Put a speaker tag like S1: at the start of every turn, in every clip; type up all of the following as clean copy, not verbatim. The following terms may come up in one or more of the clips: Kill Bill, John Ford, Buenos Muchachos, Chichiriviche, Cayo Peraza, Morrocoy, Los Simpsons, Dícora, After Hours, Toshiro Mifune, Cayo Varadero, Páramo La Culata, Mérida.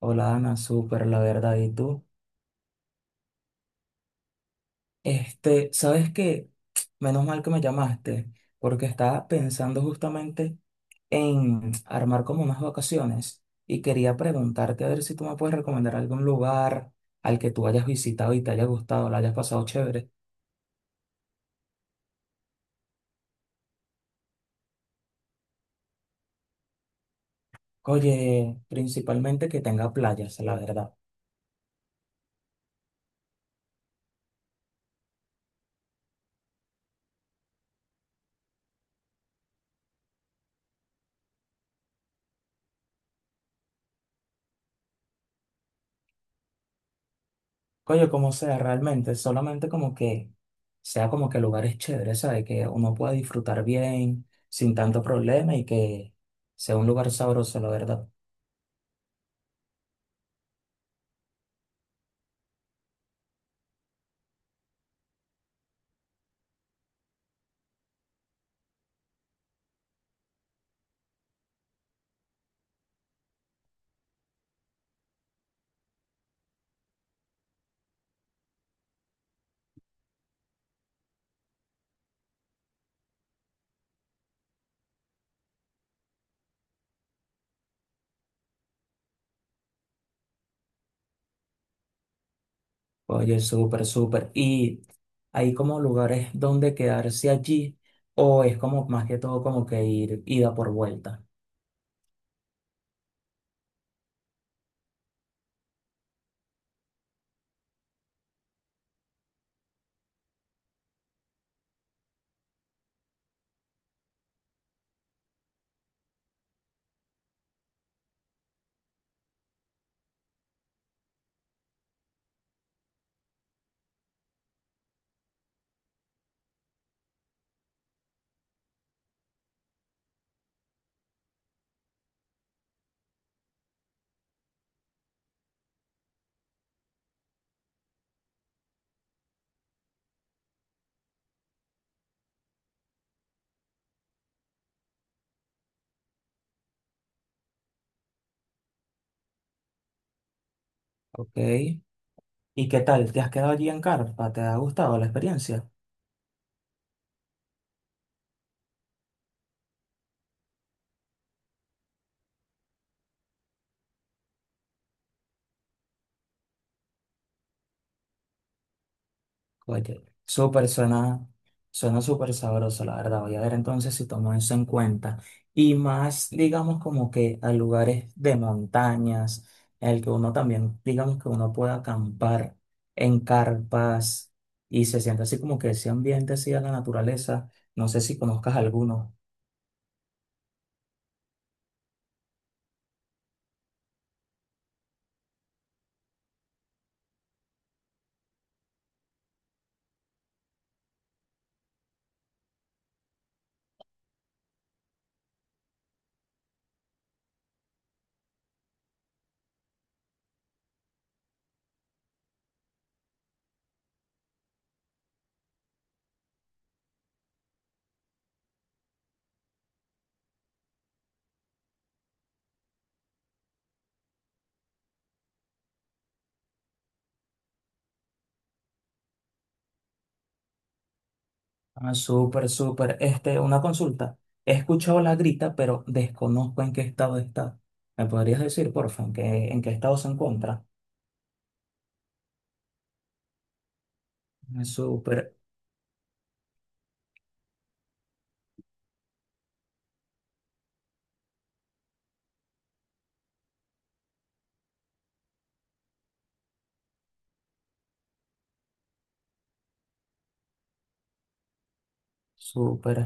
S1: Hola Ana, súper, la verdad. ¿Y tú? ¿Sabes qué? Menos mal que me llamaste, porque estaba pensando justamente en armar como unas vacaciones y quería preguntarte a ver si tú me puedes recomendar algún lugar al que tú hayas visitado y te haya gustado, la hayas pasado chévere. Oye, principalmente que tenga playas, la verdad. Coño, como sea, realmente, solamente como que sea como que lugares chéveres, ¿sabes? Que uno pueda disfrutar bien, sin tanto problema y que sea un lugar sabroso, la verdad. Oye, súper, súper. ¿Y hay como lugares donde quedarse allí o es como más que todo como que ir ida por vuelta? ¿Ok? ¿Y qué tal? ¿Te has quedado allí en Carpa? ¿Te ha gustado la experiencia? Oye, súper suena súper sabroso, la verdad. Voy a ver entonces si tomo eso en cuenta. Y más, digamos, como que a lugares de montañas, en el que uno también, digamos, que uno pueda acampar en carpas y se siente así como que ese ambiente así a la naturaleza. No sé si conozcas alguno. Ah, súper, súper. Una consulta. He escuchado la grita, pero desconozco en qué estado está. ¿Me podrías decir, porfa, en qué estado se encuentra? Ah, súper. Súper.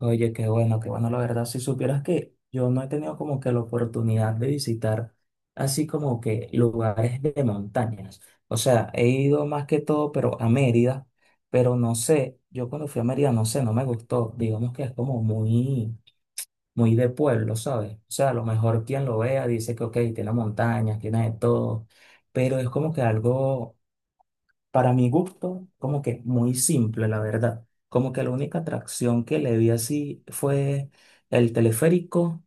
S1: Oye, qué bueno, la verdad. Si supieras que yo no he tenido como que la oportunidad de visitar así como que lugares de montañas. O sea, he ido más que todo, pero a Mérida, pero no sé, yo cuando fui a Mérida, no sé, no me gustó. Digamos que es como muy, muy de pueblo, ¿sabes? O sea, a lo mejor quien lo vea dice que, ok, tiene montañas, tiene de todo, pero es como que algo. Para mi gusto, como que muy simple, la verdad. Como que la única atracción que le vi así fue el teleférico,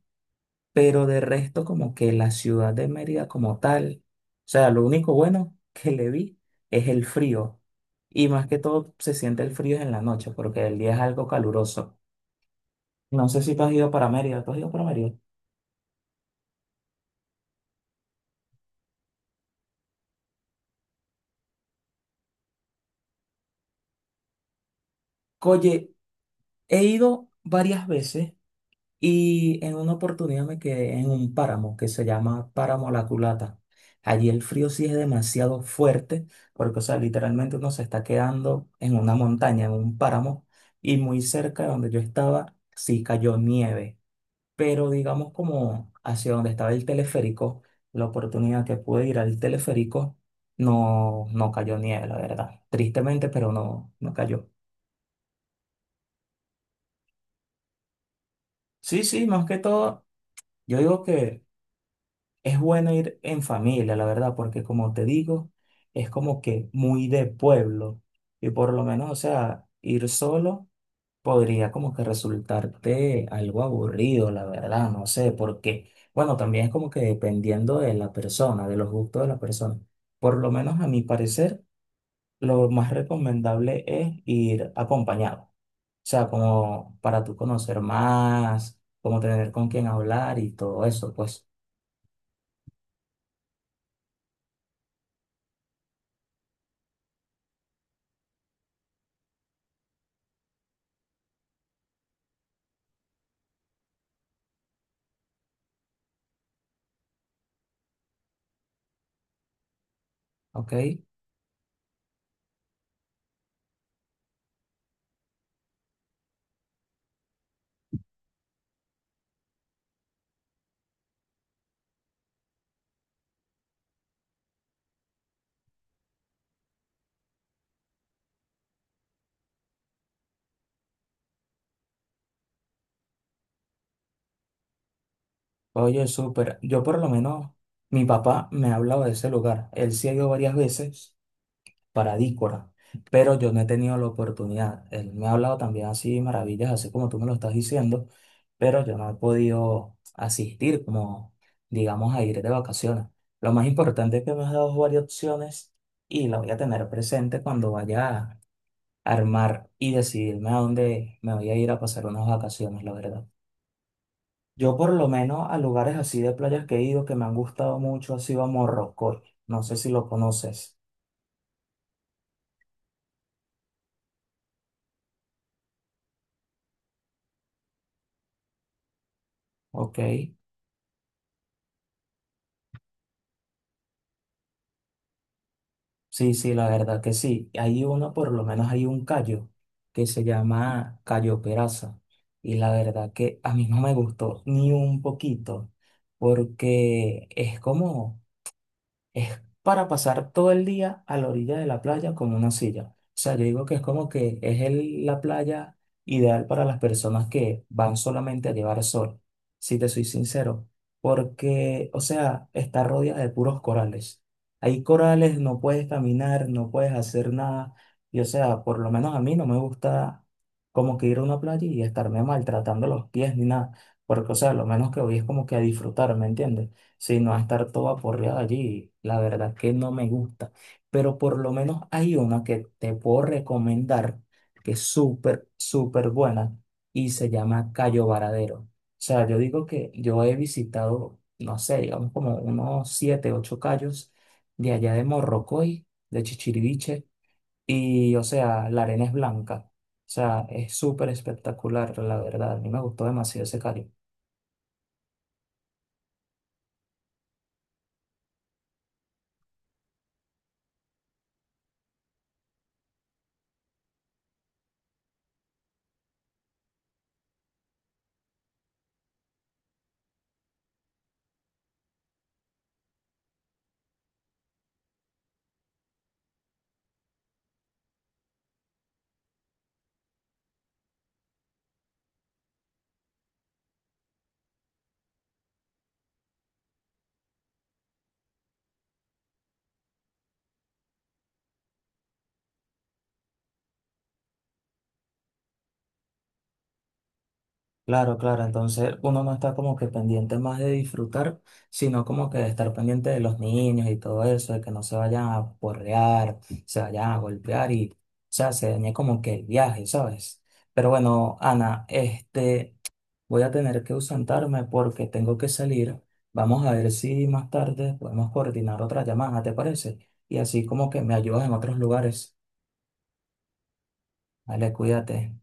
S1: pero de resto como que la ciudad de Mérida como tal, o sea, lo único bueno que le vi es el frío. Y más que todo se siente el frío en la noche, porque el día es algo caluroso. No sé si tú has ido para Mérida, ¿tú has ido para Mérida? Oye, he ido varias veces. Y en una oportunidad me quedé en un páramo que se llama Páramo La Culata. Allí el frío sí es demasiado fuerte, porque, o sea, literalmente uno se está quedando en una montaña, en un páramo, y muy cerca de donde yo estaba sí cayó nieve. Pero digamos como hacia donde estaba el teleférico, la oportunidad que pude ir al teleférico, no, no cayó nieve, la verdad. Tristemente, pero no, no cayó. Sí, sí, más que todo, yo digo que. Es bueno ir en familia, la verdad, porque como te digo, es como que muy de pueblo. Y por lo menos, o sea, ir solo podría como que resultarte algo aburrido, la verdad, no sé, porque, bueno, también es como que dependiendo de la persona, de los gustos de la persona. Por lo menos a mi parecer, lo más recomendable es ir acompañado. O sea, como para tú conocer más, como tener con quién hablar y todo eso, pues, ¿ok? Oye, súper. Yo por lo menos, mi papá me ha hablado de ese lugar. Él sí ha ido varias veces para Dícora, pero yo no he tenido la oportunidad. Él me ha hablado también así maravillas, así como tú me lo estás diciendo, pero yo no he podido asistir como, digamos, a ir de vacaciones. Lo más importante es que me has dado varias opciones y la voy a tener presente cuando vaya a armar y decidirme a dónde me voy a ir a pasar unas vacaciones, la verdad. Yo por lo menos a lugares así de playas que he ido que me han gustado mucho ha sido a Morrocoy. No sé si lo conoces. Ok. Sí, sí, la verdad que sí. Hay uno, por lo menos hay un callo que se llama Cayo Peraza. Y la verdad que a mí no me gustó ni un poquito porque es para pasar todo el día a la orilla de la playa con una silla. O sea, yo digo que es como que la playa ideal para las personas que van solamente a llevar sol, si te soy sincero, porque, o sea, está rodeada de puros corales. Hay corales, no puedes caminar, no puedes hacer nada. Y o sea, por lo menos a mí no me gusta como que ir a una playa y estarme maltratando los pies ni nada, porque, o sea, lo menos que voy es como que a disfrutar, ¿me entiendes? Sí, no va a estar todo aporreado allí. La verdad que no me gusta. Pero por lo menos hay una que te puedo recomendar que es súper, súper buena y se llama Cayo Varadero. O sea, yo digo que yo he visitado, no sé, digamos como unos siete, ocho cayos de allá de Morrocoy, de Chichiriviche. Y, o sea, la arena es blanca. O sea, es súper espectacular, la verdad. A mí me gustó demasiado ese cayo. Claro, claro, entonces uno no está como que pendiente más de disfrutar, sino como que de estar pendiente de los niños y todo eso, de que no se vayan a porrear, se vayan a golpear y, o sea, se dañe como que el viaje, ¿sabes? Pero bueno, Ana, voy a tener que ausentarme porque tengo que salir. Vamos a ver si más tarde podemos coordinar otra llamada, ¿te parece? Y así como que me ayudas en otros lugares. Vale, cuídate.